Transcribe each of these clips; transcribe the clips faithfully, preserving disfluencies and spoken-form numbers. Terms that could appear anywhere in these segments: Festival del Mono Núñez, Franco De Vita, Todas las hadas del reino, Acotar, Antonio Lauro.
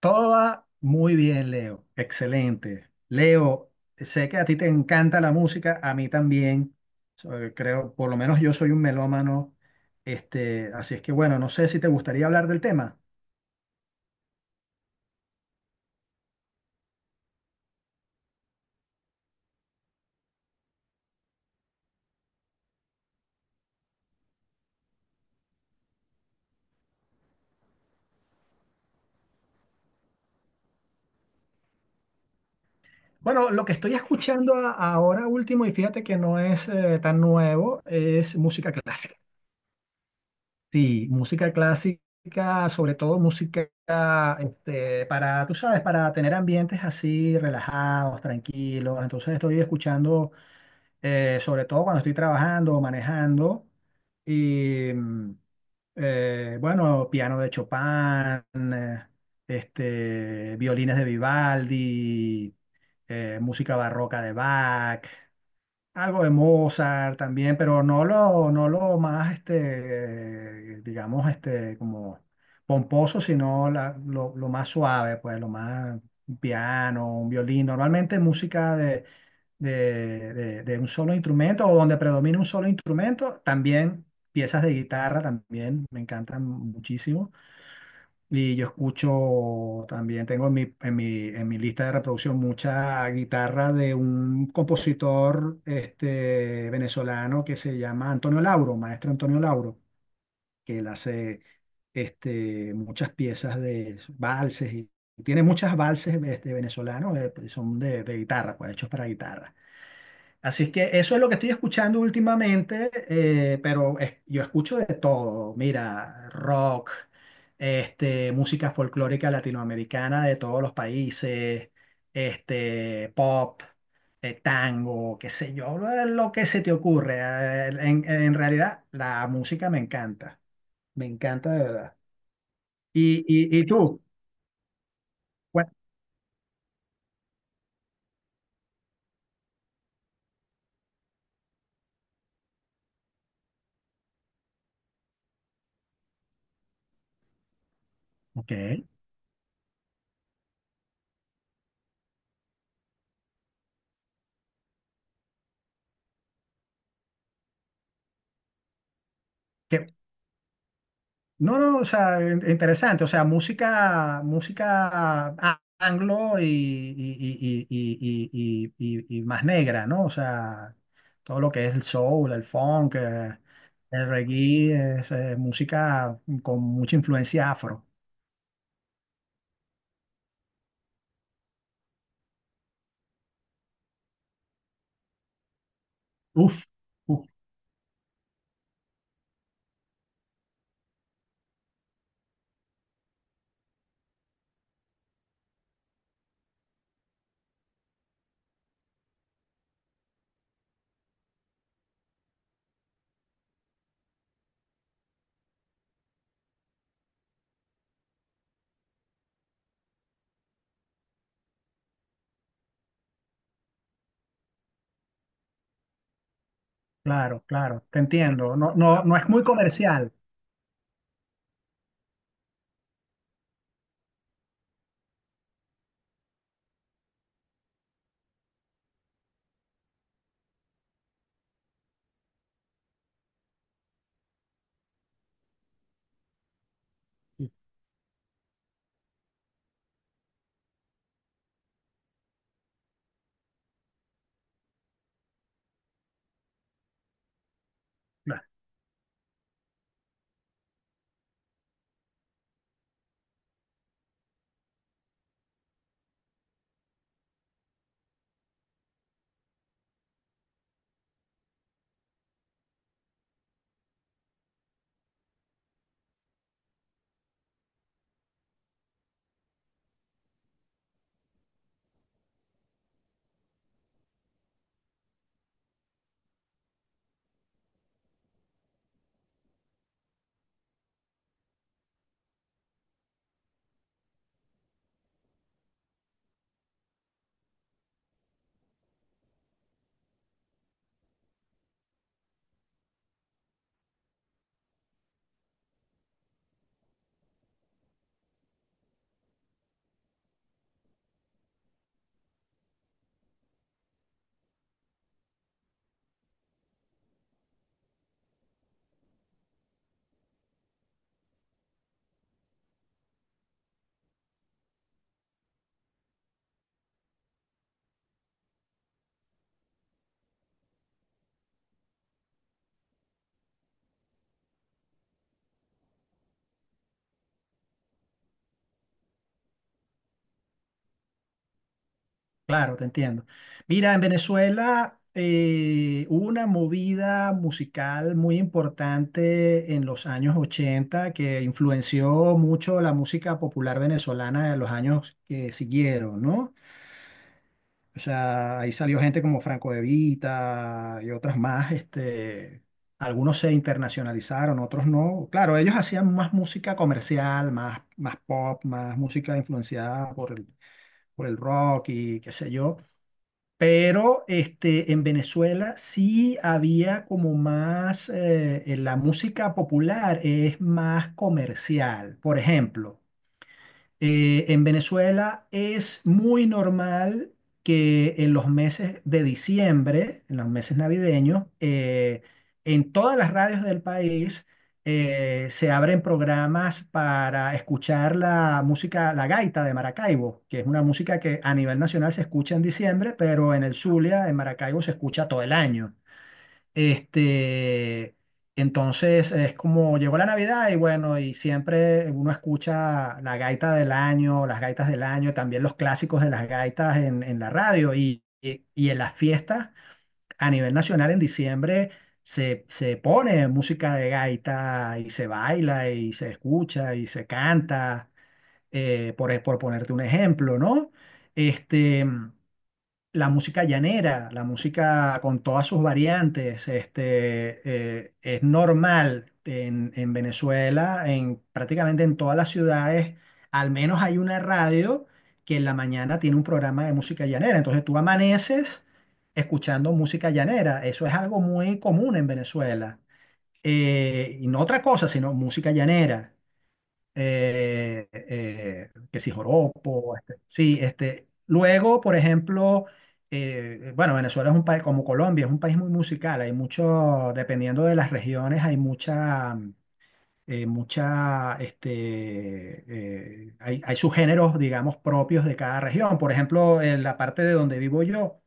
Todo va muy bien, Leo. Excelente. Leo, sé que a ti te encanta la música, a mí también. So, eh, Creo, por lo menos yo soy un melómano. Este, así es que bueno, no sé si te gustaría hablar del tema. Bueno, lo que estoy escuchando a- ahora último, y fíjate que no es eh, tan nuevo, es música clásica. Sí, música clásica, sobre todo música este, para, tú sabes, para tener ambientes así relajados, tranquilos. Entonces estoy escuchando eh, sobre todo cuando estoy trabajando o manejando. Y mm, eh, bueno, piano de Chopin, este, violines de Vivaldi, eh, música barroca de Bach. Algo de Mozart también, pero no lo, no lo más, este, digamos, este, como pomposo, sino la- lo, lo más suave, pues, lo más un piano, un violín. Normalmente música de, de, de- de un solo instrumento o donde predomina un solo instrumento. También piezas de guitarra, también me encantan muchísimo. Y yo escucho también, tengo en mi, en mi, en mi lista de reproducción mucha guitarra de un compositor este, venezolano que se llama Antonio Lauro, maestro Antonio Lauro, que él hace este, muchas piezas de valses y tiene muchas valses este, venezolanos, eh, son de, de guitarra, pues hechos para guitarra. Así es que eso es lo que estoy escuchando últimamente, eh, pero es- yo escucho de todo. Mira, rock, este, música folclórica latinoamericana de todos los países, este, pop, eh, tango, qué sé yo, lo lo que se te ocurre. Eh, En, en realidad, la música me encanta, me encanta de verdad. ¿Y, y, y tú? Bueno, ok. ¿Qué, No, no, o sea, in- interesante, o sea, música, música a- anglo y, y, y, y, y, y, y- y más negra, ¿no? O sea, todo lo que es el soul, el funk, eh, el reggae, es, eh, música con mucha influencia afro. Uf, uf. Claro, claro, te entiendo. No, no, no es muy comercial. Claro, te entiendo. Mira, en Venezuela eh, hubo una movida musical muy importante en los años ochenta que influenció mucho la música popular venezolana en los años que siguieron, ¿no? O sea, ahí salió gente como Franco De Vita y otras más, este, algunos se internacionalizaron, otros no. Claro, ellos hacían más música comercial, más, más pop, más música influenciada por el, por el rock y qué sé yo. Pero este, en Venezuela sí había como más, eh, eh, la música popular es más comercial. Por ejemplo, eh, en Venezuela es muy normal que en los meses de diciembre, en los meses navideños, eh, en todas las radios del país eh, se abren programas para escuchar la música, la gaita de Maracaibo, que es una música que a nivel nacional se escucha en diciembre, pero en el Zulia, en Maracaibo, se escucha todo el año. Este, entonces es como llegó la Navidad y bueno, y siempre uno escucha la gaita del año, las gaitas del año, también los clásicos de las gaitas en, en la radio y, y, y en las fiestas a nivel nacional en diciembre se, se pone música de gaita y se baila y se escucha y se canta, eh, por, por ponerte un ejemplo, ¿no? Este la música llanera, la música con todas sus variantes, este, eh, es normal en, en Venezuela, en prácticamente en todas las ciudades, al menos hay una radio que en la mañana tiene un programa de música llanera. Entonces tú amaneces escuchando música llanera. Eso es algo muy común en Venezuela. Eh, y no otra cosa, sino música llanera eh, eh, que si joropo, este, sí, este, luego, por ejemplo, eh, eh, bueno, Venezuela es un país, como Colombia, es un país muy musical, hay mucho, dependiendo de las regiones, hay mucha, eh, mucha, este, eh, hay, hay sus géneros, digamos, propios de cada región, por ejemplo, en la parte de donde vivo yo,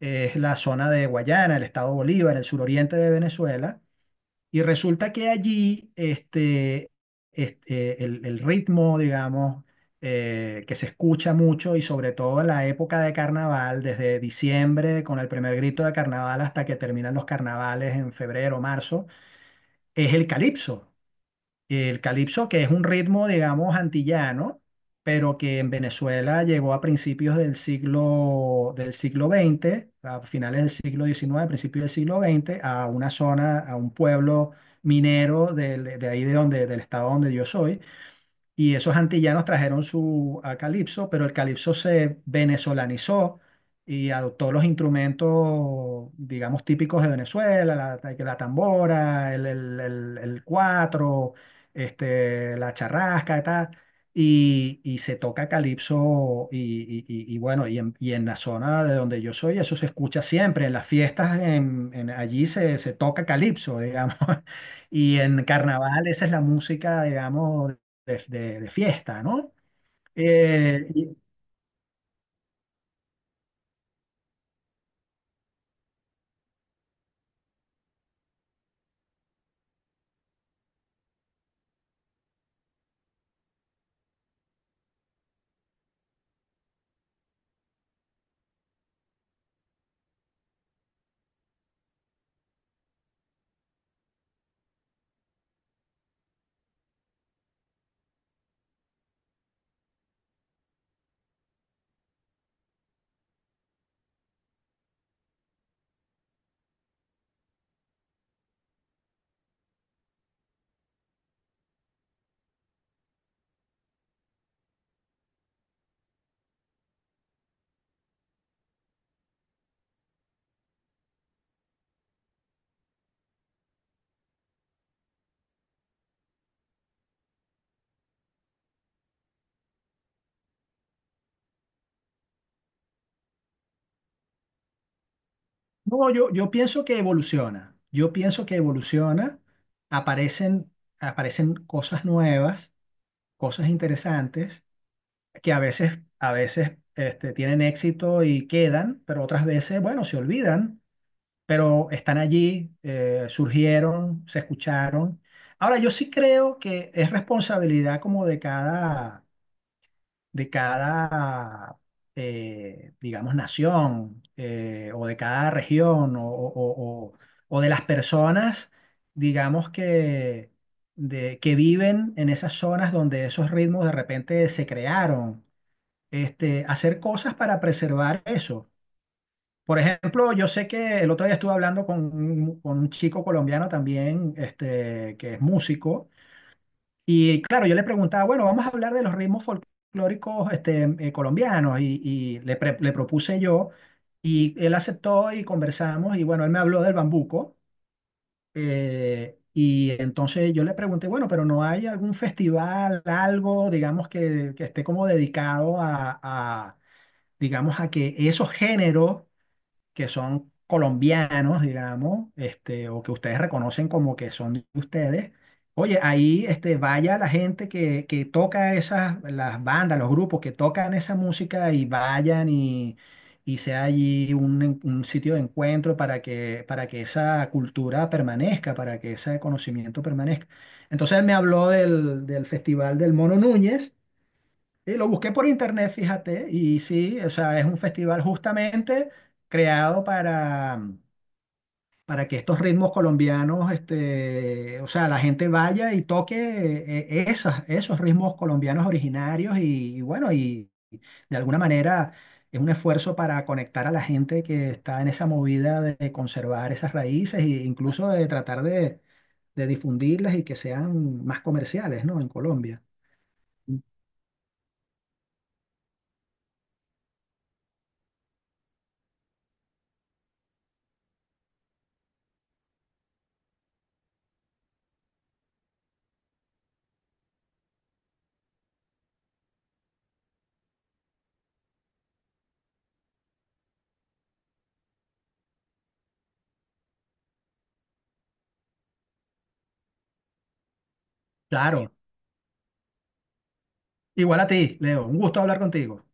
eh, es la zona de Guayana, el estado Bolívar, el suroriente de Venezuela, y resulta que allí este, este, el, el ritmo, digamos, eh, que se escucha mucho y sobre todo en la época de carnaval, desde diciembre con el primer grito de carnaval hasta que terminan los carnavales en febrero, marzo, es el calipso. El calipso, que es un ritmo, digamos, antillano, pero que en Venezuela llegó a principios del siglo, del siglo veinte, a finales del siglo diecinueve, principios del siglo veinte, a una zona, a un pueblo minero del- de ahí de donde, del estado donde yo soy, y esos antillanos trajeron su a calipso, pero el calipso se venezolanizó y adoptó los instrumentos, digamos, típicos de Venezuela, la, la tambora, el, el, el- el cuatro, este, la charrasca y tal. Y, y se toca calipso y, y- y- y bueno, y en, y en la zona de donde yo soy, eso se escucha siempre, en las fiestas en, en- allí se, se toca calipso, digamos, y en carnaval esa es la música, digamos, de, de- de fiesta, ¿no? Eh, y- no, yo, yo pienso que evoluciona, yo pienso que evoluciona, aparecen, aparecen cosas nuevas, cosas interesantes, que a veces, a veces este, tienen éxito y quedan, pero otras veces, bueno, se olvidan, pero están allí, eh, surgieron, se escucharon. Ahora, yo sí creo que es responsabilidad como de cada de cada, eh, digamos, nación eh, o de cada región o, o- o- o- o de las personas, digamos, que, de, que viven en esas zonas donde esos ritmos de repente se crearon. Este, hacer cosas para preservar eso. Por ejemplo, yo sé que el otro día estuve hablando con un, con un chico colombiano también, este, que es músico y claro, yo le preguntaba, bueno, vamos a hablar de los ritmos folclóricos este, eh, colombianos y, y le, pre- le propuse yo y él aceptó y conversamos y bueno, él me habló del bambuco eh, y entonces yo le pregunté, bueno, pero ¿no hay algún festival, algo, digamos, que, que esté como dedicado a, a, digamos, a que esos géneros que son colombianos, digamos, este, o que ustedes reconocen como que son de ustedes, oye, ahí este, vaya la gente que, que toca esas, las bandas, los grupos que tocan esa música y vayan y, y sea allí un, en- un sitio de encuentro para que, para que esa cultura permanezca, para que ese conocimiento permanezca. Entonces él me habló del, del Festival del Mono Núñez. Sí, lo busqué por internet, fíjate, y sí, o sea, es un festival justamente creado para, mm, para que estos ritmos colombianos, este, o sea, la gente vaya y toque eh, eh, esas, esos ritmos colombianos originarios y, y bueno, y de alguna manera es un esfuerzo para conectar a la gente que está en esa movida de conservar esas raíces e incluso de tratar de, de difundirlas y que sean más comerciales, ¿no? En Colombia. Claro. Igual a ti, Leo. Un gusto hablar contigo.